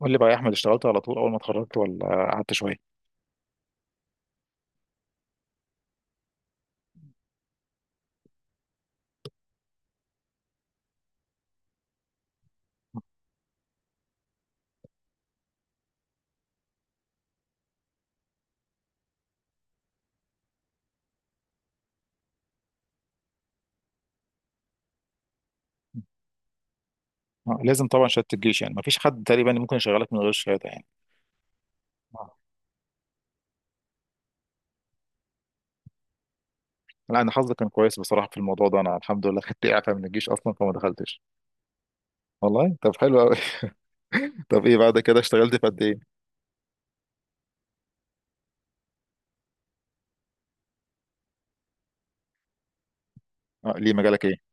قول لي بقى يا احمد، اشتغلت على طول اول ما اتخرجت ولا قعدت شويه؟ لازم طبعا شهاده الجيش، يعني ما فيش حد تقريبا ممكن يشغلك من غير شهاده يعني. آه. لا انا حظي كان كويس بصراحه في الموضوع ده، انا الحمد لله خدت اعفاء من الجيش اصلا فما دخلتش. والله طب حلو قوي. طب ايه بعد كده اشتغلت في قد ايه؟ اه ليه مجالك ايه؟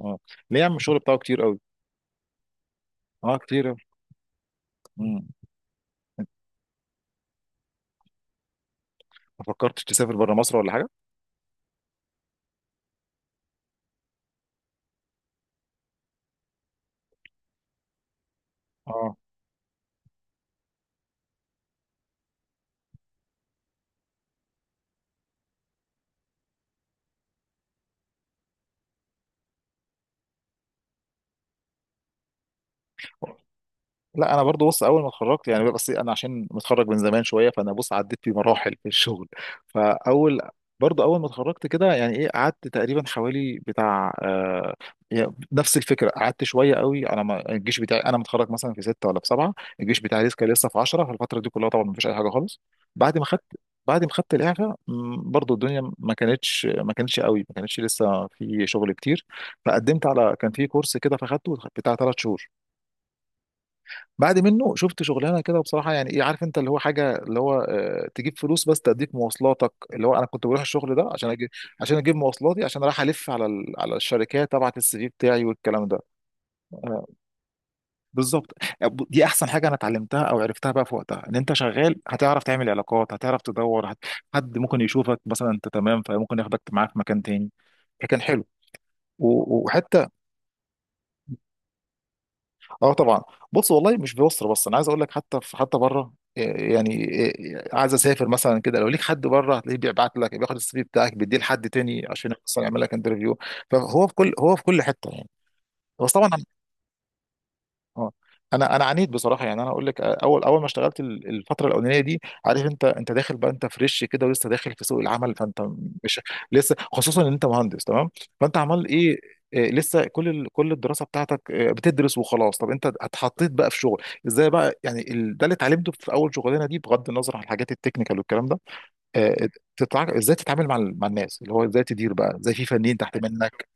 اه ليه يا عم الشغل بتاعه كتير قوي؟ اه كتير قوي. مم. ما فكرتش تسافر بره مصر ولا حاجه؟ اه لا انا برضو بص، اول ما اتخرجت يعني، بس انا عشان متخرج من زمان شويه، فانا بص عديت في مراحل في الشغل. فاول برضو اول ما اتخرجت كده يعني ايه، قعدت تقريبا حوالي بتاع يعني نفس الفكره، قعدت شويه قوي، انا ما الجيش بتاعي انا متخرج مثلا في سته ولا في سبعه. الجيش بتاعي لسه كان في 10، فالفتره دي كلها طبعا ما فيش اي حاجه خالص. بعد ما خدت بعد ما خدت الاعفاء برضو الدنيا ما كانتش قوي، ما كانتش لسه في شغل كتير. فقدمت على كان في كورس كده فاخدته بتاع ثلاث شهور. بعد منه شفت شغلانه كده بصراحه يعني ايه، عارف انت اللي هو حاجه اللي هو تجيب فلوس بس تديك مواصلاتك، اللي هو انا كنت بروح الشغل ده عشان اجيب مواصلاتي، عشان رايح الف على على الشركات ابعت السي في بتاعي والكلام ده. آه، بالظبط. دي احسن حاجه انا اتعلمتها او عرفتها بقى في وقتها، ان انت شغال هتعرف تعمل علاقات، هتعرف تدور حد ممكن يشوفك مثلا انت تمام فممكن ياخدك معاه في مكان تاني، فكان حلو. وحتى اه طبعا. بص والله مش في مصر بس، انا عايز اقول لك حتى في حتى بره إيه يعني، إيه عايز اسافر مثلا كده، لو ليك حد بره هتلاقيه بيبعت لك، بياخد السي في بتاعك بيديه لحد تاني عشان مثلا يعمل لك انترفيو. فهو في كل هو في كل حته يعني. بس طبعا اه. انا عانيت بصراحه، يعني انا اقول لك اول ما اشتغلت الفتره الاولانيه دي، عارف انت داخل بقى، انت فريش كده ولسه داخل في سوق العمل، فانت مش لسه، خصوصا ان انت مهندس، تمام؟ فانت عمال ايه، إيه، لسه كل الدراسه بتاعتك إيه، بتدرس وخلاص. طب انت اتحطيت بقى في شغل ازاي بقى، يعني ده اللي اتعلمته في اول شغلانه دي بغض النظر عن الحاجات التكنيكال والكلام ده. آه، ازاي تتعامل مع مع الناس، اللي هو ازاي تدير بقى، ازاي في فنيين تحت منك.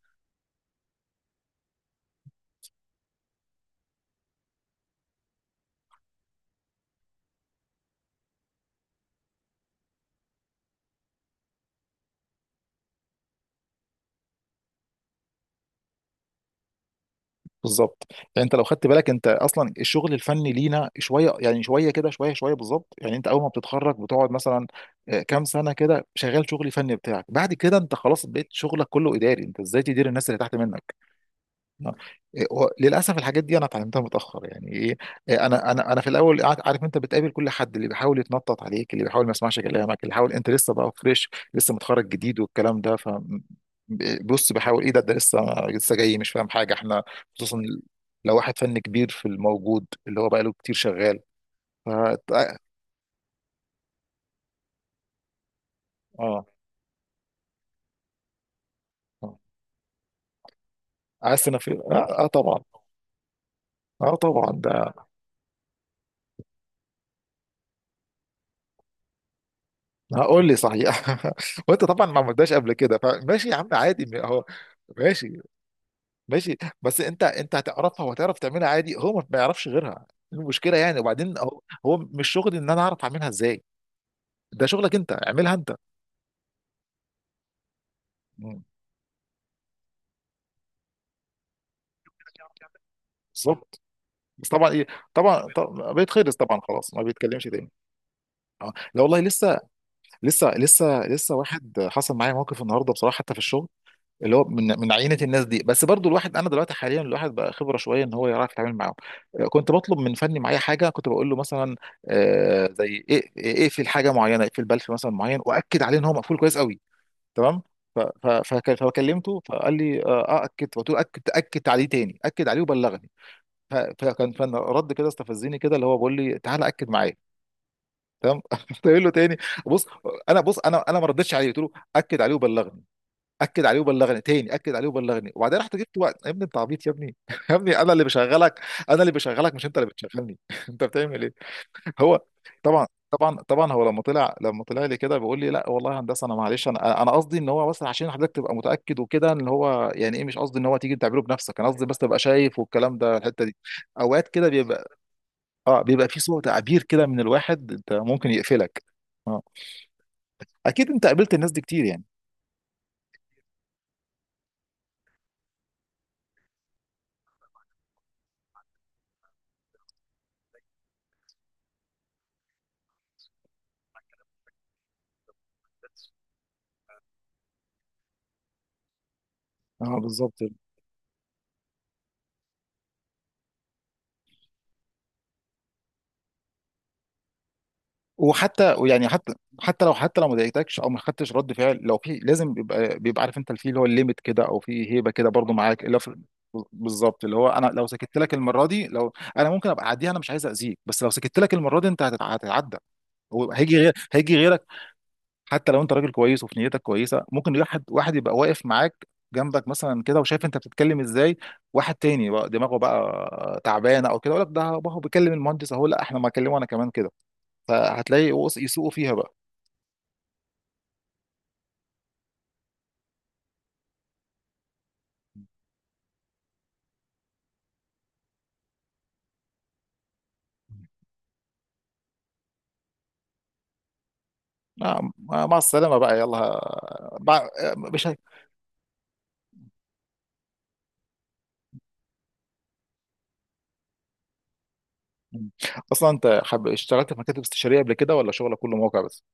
بالظبط، يعني انت لو خدت بالك، انت اصلا الشغل الفني لينا شويه، يعني شويه كده، شويه شويه، بالظبط، يعني انت اول ما بتتخرج بتقعد مثلا آه، كام سنه كده شغال شغل فني بتاعك، بعد كده انت خلاص بقيت شغلك كله اداري، انت ازاي تدير الناس اللي تحت منك. نعم. إيه، هو للاسف الحاجات دي انا اتعلمتها متاخر يعني ايه، إيه، انا في الاول عارف انت بتقابل كل حد اللي بيحاول يتنطط عليك، اللي بيحاول ما يسمعش كلامك، اللي بيحاول انت لسه بقى فريش لسه متخرج جديد والكلام ده، ف بص بحاول ايه ده ده لسه، لسه جاي مش فاهم حاجه احنا، خصوصا لو واحد فن كبير في الموجود اللي هو بقى له كتير شغال ف اه. آه. عايز تنفيذ اه آه، طبعا. اه طبعا ده. هقول لي صحيح وانت طبعا ما عملتهاش قبل كده، فماشي يا عم عادي اهو. ماشي ماشي. بس انت، انت هتعرفها وهتعرف تعملها عادي، هو ما بيعرفش غيرها. المشكله يعني، وبعدين هو، هو مش شغلي ان انا اعرف اعملها ازاي، ده شغلك انت اعملها انت. مم. بالظبط. بس طبعا ايه، طبعا طبعا بيتخلص طبعا، خلاص ما بيتكلمش تاني. اه لا والله لسه، لسه واحد حصل معايا موقف النهارده بصراحه حتى في الشغل، اللي هو من من عينه الناس دي، بس برضو الواحد انا دلوقتي حاليا الواحد بقى خبره شويه ان هو يعرف يتعامل معاهم. آه، كنت بطلب من فني معايا حاجه، كنت بقول له مثلا آه، زي ايه، ايه في الحاجه معينه، اقفل بلف مثلا معين واكد عليه ان هو مقفول كويس قوي، تمام؟ فكلمته فقال لي اه آه، اكد، فقلت له اكد، اكد عليه تاني اكد عليه وبلغني. فكان فن رد كده استفزني كده، اللي هو بيقول لي تعالى اكد معايا، تمام قلت له إيه تاني، بص انا ما ردتش عليه، قلت له اكد عليه وبلغني، اكد عليه وبلغني تاني اكد عليه وبلغني، وبعدين رحت جبت وقت يا ابني انت عبيط يا ابني يا ابني انا اللي بشغلك، مش انت اللي بتشغلني انت بتعمل ايه؟ هو طبعا طبعا هو لما طلع لي كده بيقول لي لا والله يا هندسه انا معلش، انا قصدي ان هو بس عشان حضرتك تبقى متاكد وكده ان هو يعني ايه، مش قصدي ان هو تيجي تعمله بنفسك، انا قصدي بس تبقى شايف والكلام ده، الحته دي اوقات كده بيبقى اه بيبقى في صوت تعبير كده من الواحد انت ممكن يقفلك. اه اكيد انت قابلت الناس دي كتير يعني. اه بالظبط. وحتى يعني حتى، حتى لو ما ضايقتكش او ما خدتش رد فعل، لو في لازم بيبقى، بيبقى عارف انت في اللي هو الليميت كده او في هيبه كده برضو معاك اللي هو في- بالظبط، اللي هو انا لو سكت لك المره دي، لو انا ممكن ابقى اعديها انا مش عايز اذيك، بس لو سكت لك المره دي انت هتتعدى. هو هيجي غير هيجي غيرك. حتى لو انت راجل كويس وفي نيتك كويسه، ممكن واحد يبقى واقف معاك جنبك مثلا كده وشايف انت بتتكلم ازاي، واحد تاني بقى دماغه بقى تعبانه او كده يقول لك ده هو بيكلم المهندس اهو، لا احنا ما كلمه انا كمان كده، فهتلاقي يسوقوا فيها بقى. نعم. آه، مع السلامة بقى يلا بقى. مش هي... أصلا أنت اشتغلت في مكاتب استشارية قبل كده ولا شغلك كله موقع بس؟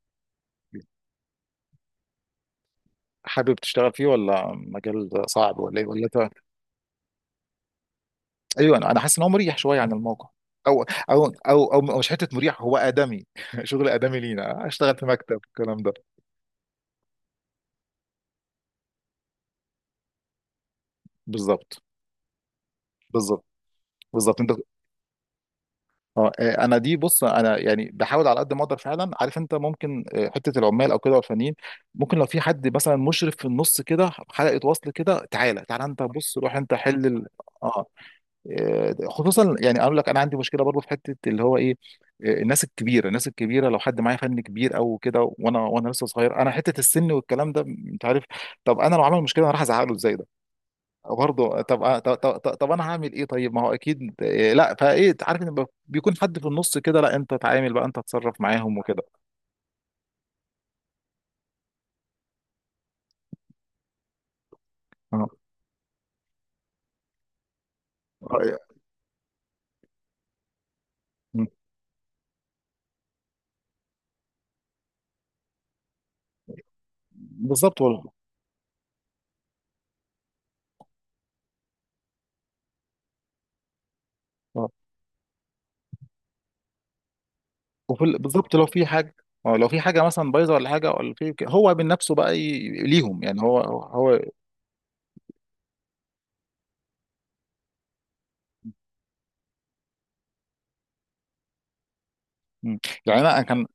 حابب تشتغل فيه، ولا مجال صعب، ولا إيه، ولا أنت؟ أيوه، أنا حاسس إن هو مريح شوية عن الموقع. أو مش حتة مريح، هو آدمي شغل آدمي لينا أشتغل في مكتب الكلام ده. بالظبط بالظبط بالظبط. أنت اه آه، انا دي بص انا يعني بحاول على قد ما اقدر فعلا، عارف انت ممكن آه، حته العمال او كده والفنيين، ممكن لو في حد مثلا مشرف في النص كده حلقه وصل كده، تعالى انت بص روح انت حل اه آه، خصوصا يعني اقول لك انا عندي مشكله برضو في حته اللي هو ايه، آه، الناس الكبيره لو حد معايا فن كبير او كده، وانا لسه صغير، انا حته السن والكلام ده انت عارف. طب انا لو عمل مشكله انا راح ازعق له ازاي؟ برضه طب آه، طب انا هعمل ايه طيب، ما هو اكيد إيه لا، فايه عارف ان بيكون حد في النص كده، لا انت تعامل بقى، انت تتصرف معاهم وكده. اه آه، م. بالظبط والله. اه وفي بالظبط لو في حاجه، اه لو في حاجه مثلا بايظه ولا حاجه ولا في هو من نفسه بقى ي... ليهم يعني هو. م. يعني انا كان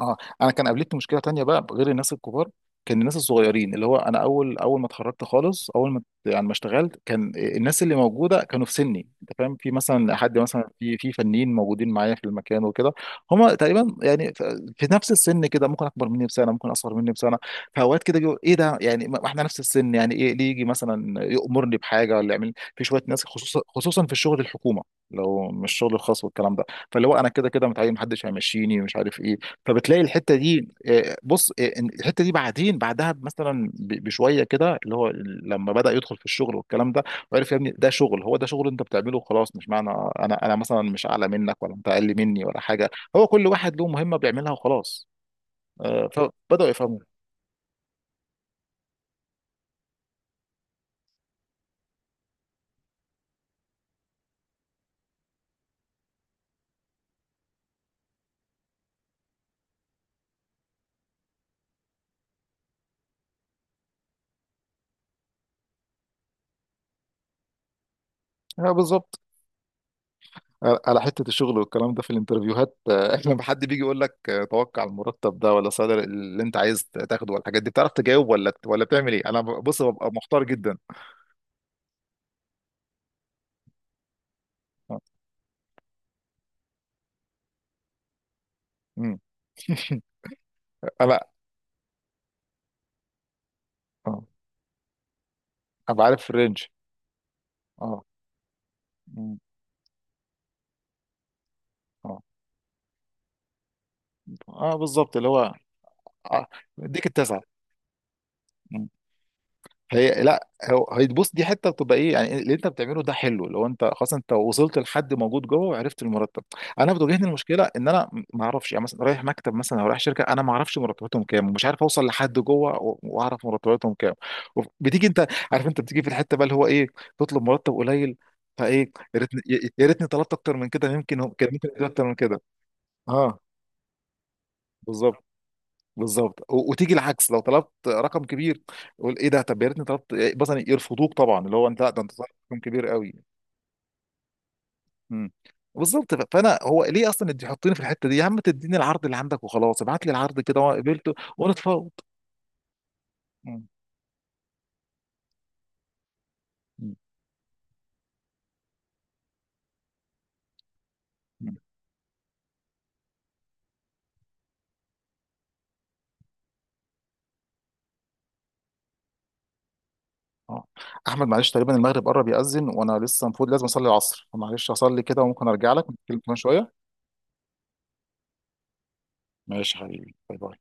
اه انا كان قابلتني مشكله تانية بقى غير الناس الكبار، كان الناس الصغيرين، اللي هو انا اول ما اتخرجت خالص، اول ما يعني ما اشتغلت، كان الناس اللي موجوده كانوا في سني انت فاهم، في مثلا حد مثلا في فنيين موجودين معايا في المكان وكده، هم تقريبا يعني في نفس السن كده، ممكن اكبر مني بسنه، ممكن اصغر مني بسنه. فاوقات كده يقول ايه ده يعني، ما احنا نفس السن يعني ايه، ليه يجي مثلا يامرني بحاجه، ولا يعمل في شويه ناس، خصوصا في الشغل الحكومه، لو مش الشغل الخاص والكلام ده، فاللي هو انا كده كده متعين، محدش هيمشيني مش عارف ايه. فبتلاقي الحته دي آه، بص آه، إن الحته دي بعدين بعدها مثلا بشويه كده اللي هو لما بدا يدخل في الشغل والكلام ده، وعرف يا ابني ده شغل، هو ده شغل انت بتعمله وخلاص، مش معنى انا مثلا مش اعلى منك ولا انت اقل مني ولا حاجه، هو كل واحد له مهمه بيعملها وخلاص. آه، فبداوا يفهموا. آه، بالظبط. آه، على حته الشغل والكلام ده في الانترفيوهات آه، لما حد بيجي يقول لك آه، توقع المرتب ده، ولا صدر اللي انت عايز تاخده والحاجات دي، بتعرف تجاوب ولا، بتعمل ايه؟ انا بص ببقى محتار جدا آه، مم. آه لا. اه ابقى عارف الرينج. اه مم. اه اه بالظبط اللي هو آه. يديك التسعه. مم. هي لا هو هيتبص، دي حته بتبقى ايه يعني، اللي انت بتعمله ده حلو لو انت خلاص انت وصلت لحد موجود جوه وعرفت المرتب. انا بتواجهني المشكله ان انا ما اعرفش، يعني مثلا رايح مكتب مثلا او رايح شركه، انا ما اعرفش مرتباتهم كام، ومش عارف اوصل لحد جوه واعرف مرتباتهم كام. بتيجي انت عارف، انت بتيجي في الحته بقى اللي هو ايه، تطلب مرتب قليل، فايه يا ريتني يا ريتني طلبت اكتر من كده، يمكن كان ممكن يدوني اكتر من كده. اه بالظبط بالظبط. وتيجي العكس لو طلبت رقم كبير، يقول ايه ده، طب يا ريتني طلبت إيه، مثلا يرفضوك طبعا، اللي هو انت لا ده انت طلبت رقم كبير قوي. امم. بالظبط. فانا هو ليه اصلا انت تحطيني في الحته دي يا عم، تديني العرض اللي عندك وخلاص، ابعت لي العرض كده وانا قبلته ونتفاوض. مم. مم. مم. اه احمد معلش تقريبا المغرب قرب يأذن، وانا لسه المفروض لازم اصلي العصر، فمعلش اصلي كده وممكن ارجع لك نتكلم كمان شويه. ماشي يا حبيبي، باي باي.